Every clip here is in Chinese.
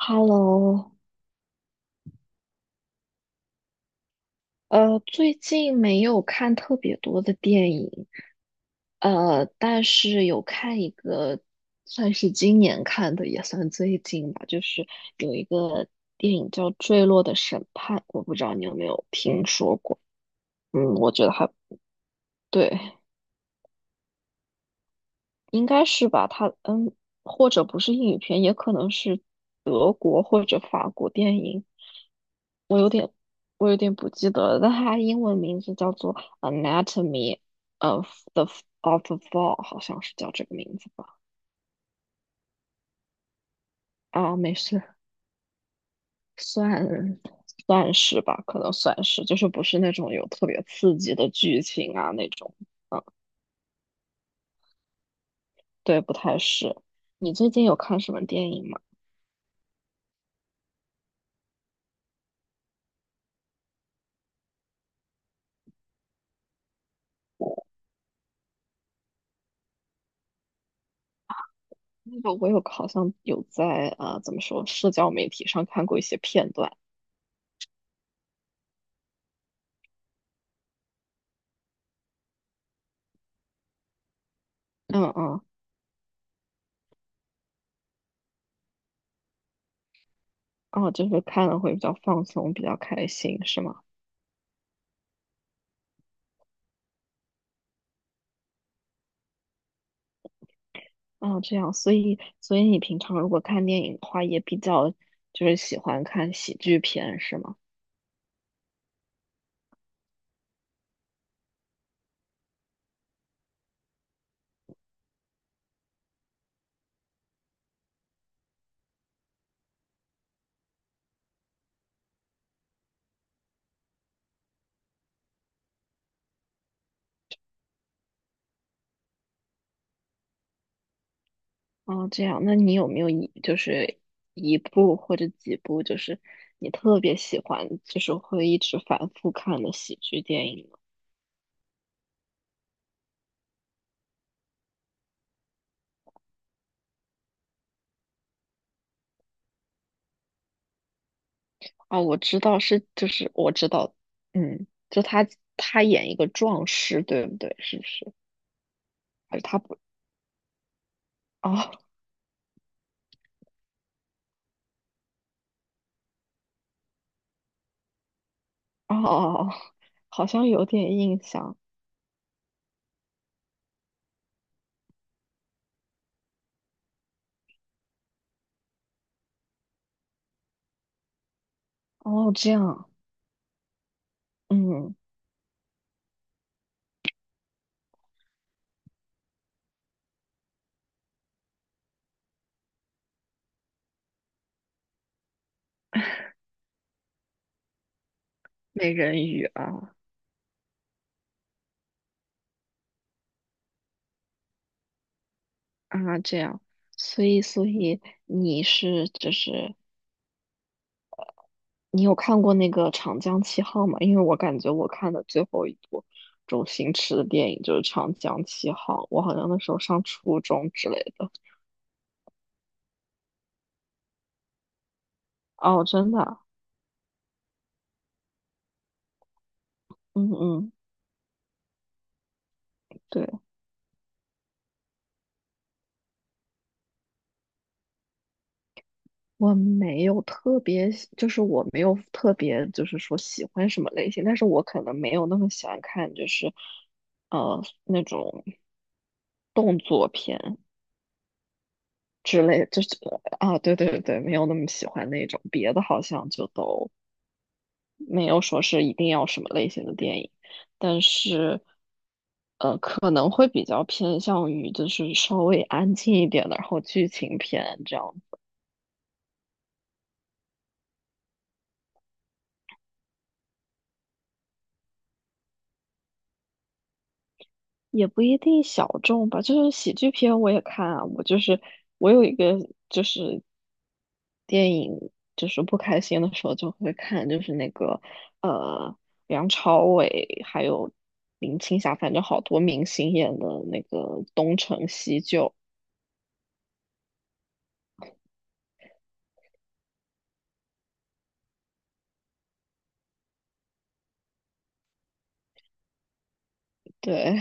Hello，最近没有看特别多的电影，但是有看一个，算是今年看的，也算最近吧，就是有一个电影叫《坠落的审判》，我不知道你有没有听说过，嗯，我觉得还对。应该是吧？它嗯，或者不是英语片，也可能是德国或者法国电影。我有点，我有点不记得了，但它英文名字叫做《Anatomy of the of a Fall》，好像是叫这个名字吧？啊，没事，算算是吧，可能算是，就是不是那种有特别刺激的剧情啊那种。嗯，对，不太是。你最近有看什么电影吗？那个我有好像有在啊怎么说，社交媒体上看过一些片段。嗯嗯，哦，就是看了会比较放松，比较开心，是吗？哦，这样，所以你平常如果看电影的话，也比较就是喜欢看喜剧片，是吗？哦，这样，那你有没有一就是一部或者几部，就是你特别喜欢，就是会一直反复看的喜剧电影？哦，我知道是，就是我知道，嗯，他演一个壮士，对不对？是不是？还是他不？哦哦哦，哦好像有点印象。哦，这样，嗯，美人鱼啊啊，这样，所以你是就是你有看过那个《长江七号》吗？因为我感觉我看的最后一部周星驰的电影就是《长江七号》，我好像那时候上初中之类的。哦，真的啊嗯嗯。对。我没有特别，就是说喜欢什么类型，但是我可能没有那么喜欢看，那种动作片之类，就是啊，对对对，没有那么喜欢那种，别的好像就都没有说是一定要什么类型的电影，但是可能会比较偏向于就是稍微安静一点的，然后剧情片这样。也不一定小众吧，就是喜剧片我也看啊。我有一个就是电影，就是不开心的时候就会看，就是那个呃梁朝伟还有林青霞，反正好多明星演的那个《东成西就》。对，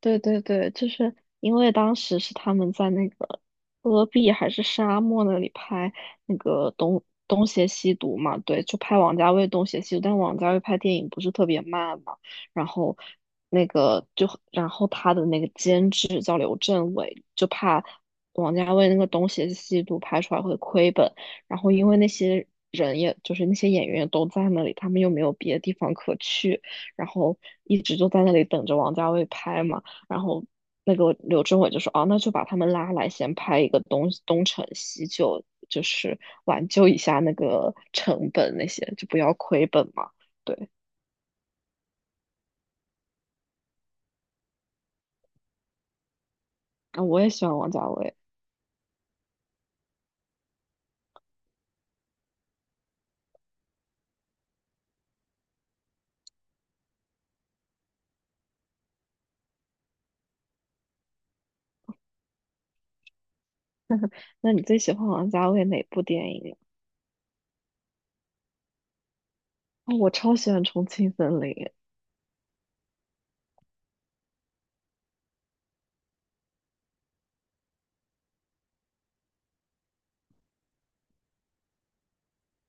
对对对，就是因为当时是他们在那个戈壁还是沙漠那里拍那个东邪西毒嘛，对，就拍王家卫东邪西毒，但王家卫拍电影不是特别慢嘛，然后那个就然后他的那个监制叫刘镇伟，就怕王家卫那个东邪西毒拍出来会亏本，然后因为那些人也就是那些演员都在那里，他们又没有别的地方可去。然后一直就在那里等着王家卫拍嘛。然后那个柳智伟就说：“哦，那就把他们拉来，先拍一个东成西就，就是挽救一下那个成本那些，就不要亏本嘛。”对，啊，我也喜欢王家卫。那你最喜欢王家卫哪部电影啊？哦我超喜欢《重庆森林》。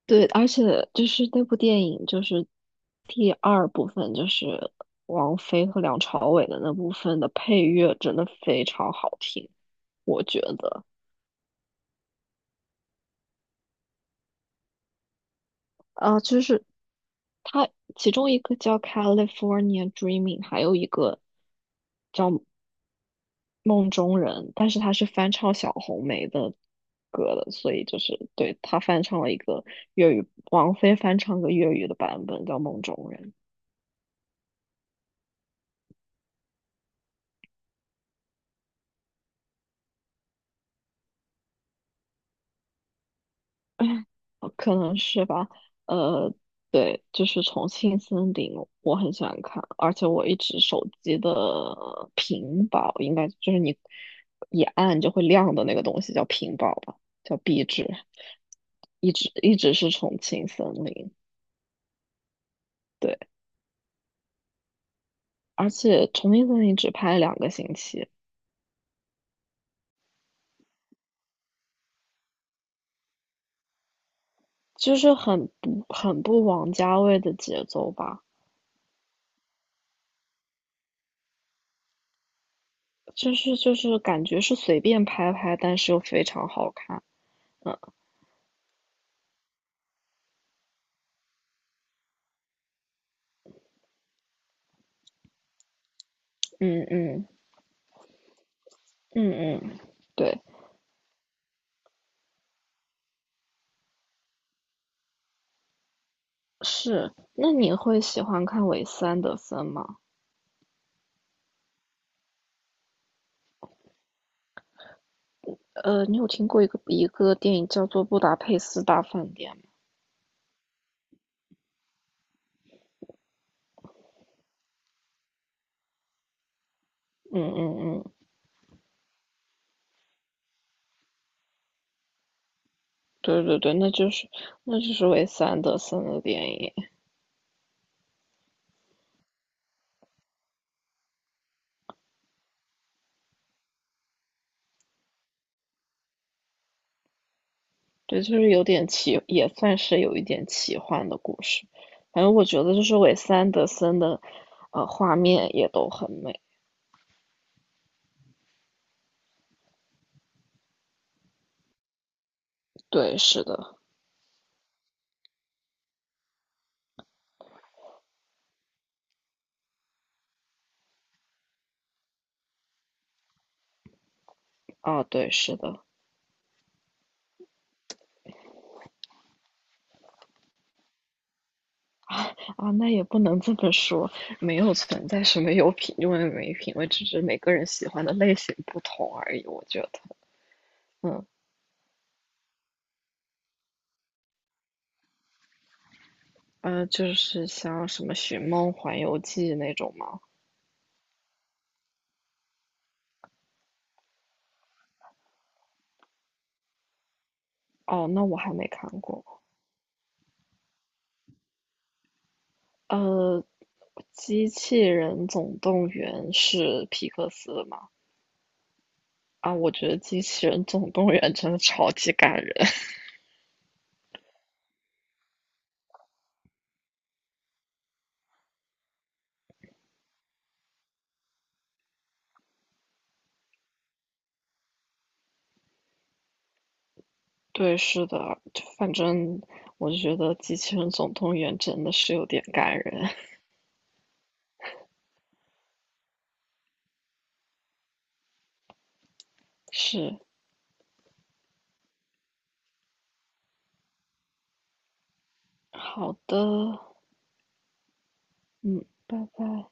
对，而且就是那部电影，就是第二部分，就是王菲和梁朝伟的那部分的配乐真的非常好听，我觉得。啊，就是它其中一个叫《California Dreaming》，还有一个《梦中人》，但是他是翻唱小红梅的歌的，所以就是对他翻唱了一个粤语，王菲翻唱个粤语的版本叫《梦中人》。哦可能是吧，呃，对，就是《重庆森林》，我很喜欢看，而且我一直手机的屏保，应该就是你一按就会亮的那个东西叫屏保吧，叫壁纸，一直是《重庆森林》，对，而且《重庆森林》只拍了两个星期，很不王家卫的节奏吧，就是感觉是随便拍拍，但是又非常好看，嗯嗯嗯。嗯嗯，对，是。那你会喜欢看韦斯安德森吗？你有听过一个电影叫做《布达佩斯大饭店》吗？嗯嗯嗯，对对对，那就是韦斯安德森的电影，对，就是有点奇，也算是有一点奇幻的故事。反正我觉得就是韦斯安德森的，画面也都很美。对，是的，啊，对，是的。啊，那也不能这么说，没有存在什么有品味没品味，只是每个人喜欢的类型不同而已。我觉得，嗯，就是像什么《寻梦环游记》那种吗？哦，那我还没看过。呃，《机器人总动员》是皮克斯的吗？啊，我觉得《机器人总动员》真的超级感人。对，是的，就反正我就觉得《机器人总动员》真的是有点感人。是，好的。嗯，拜拜。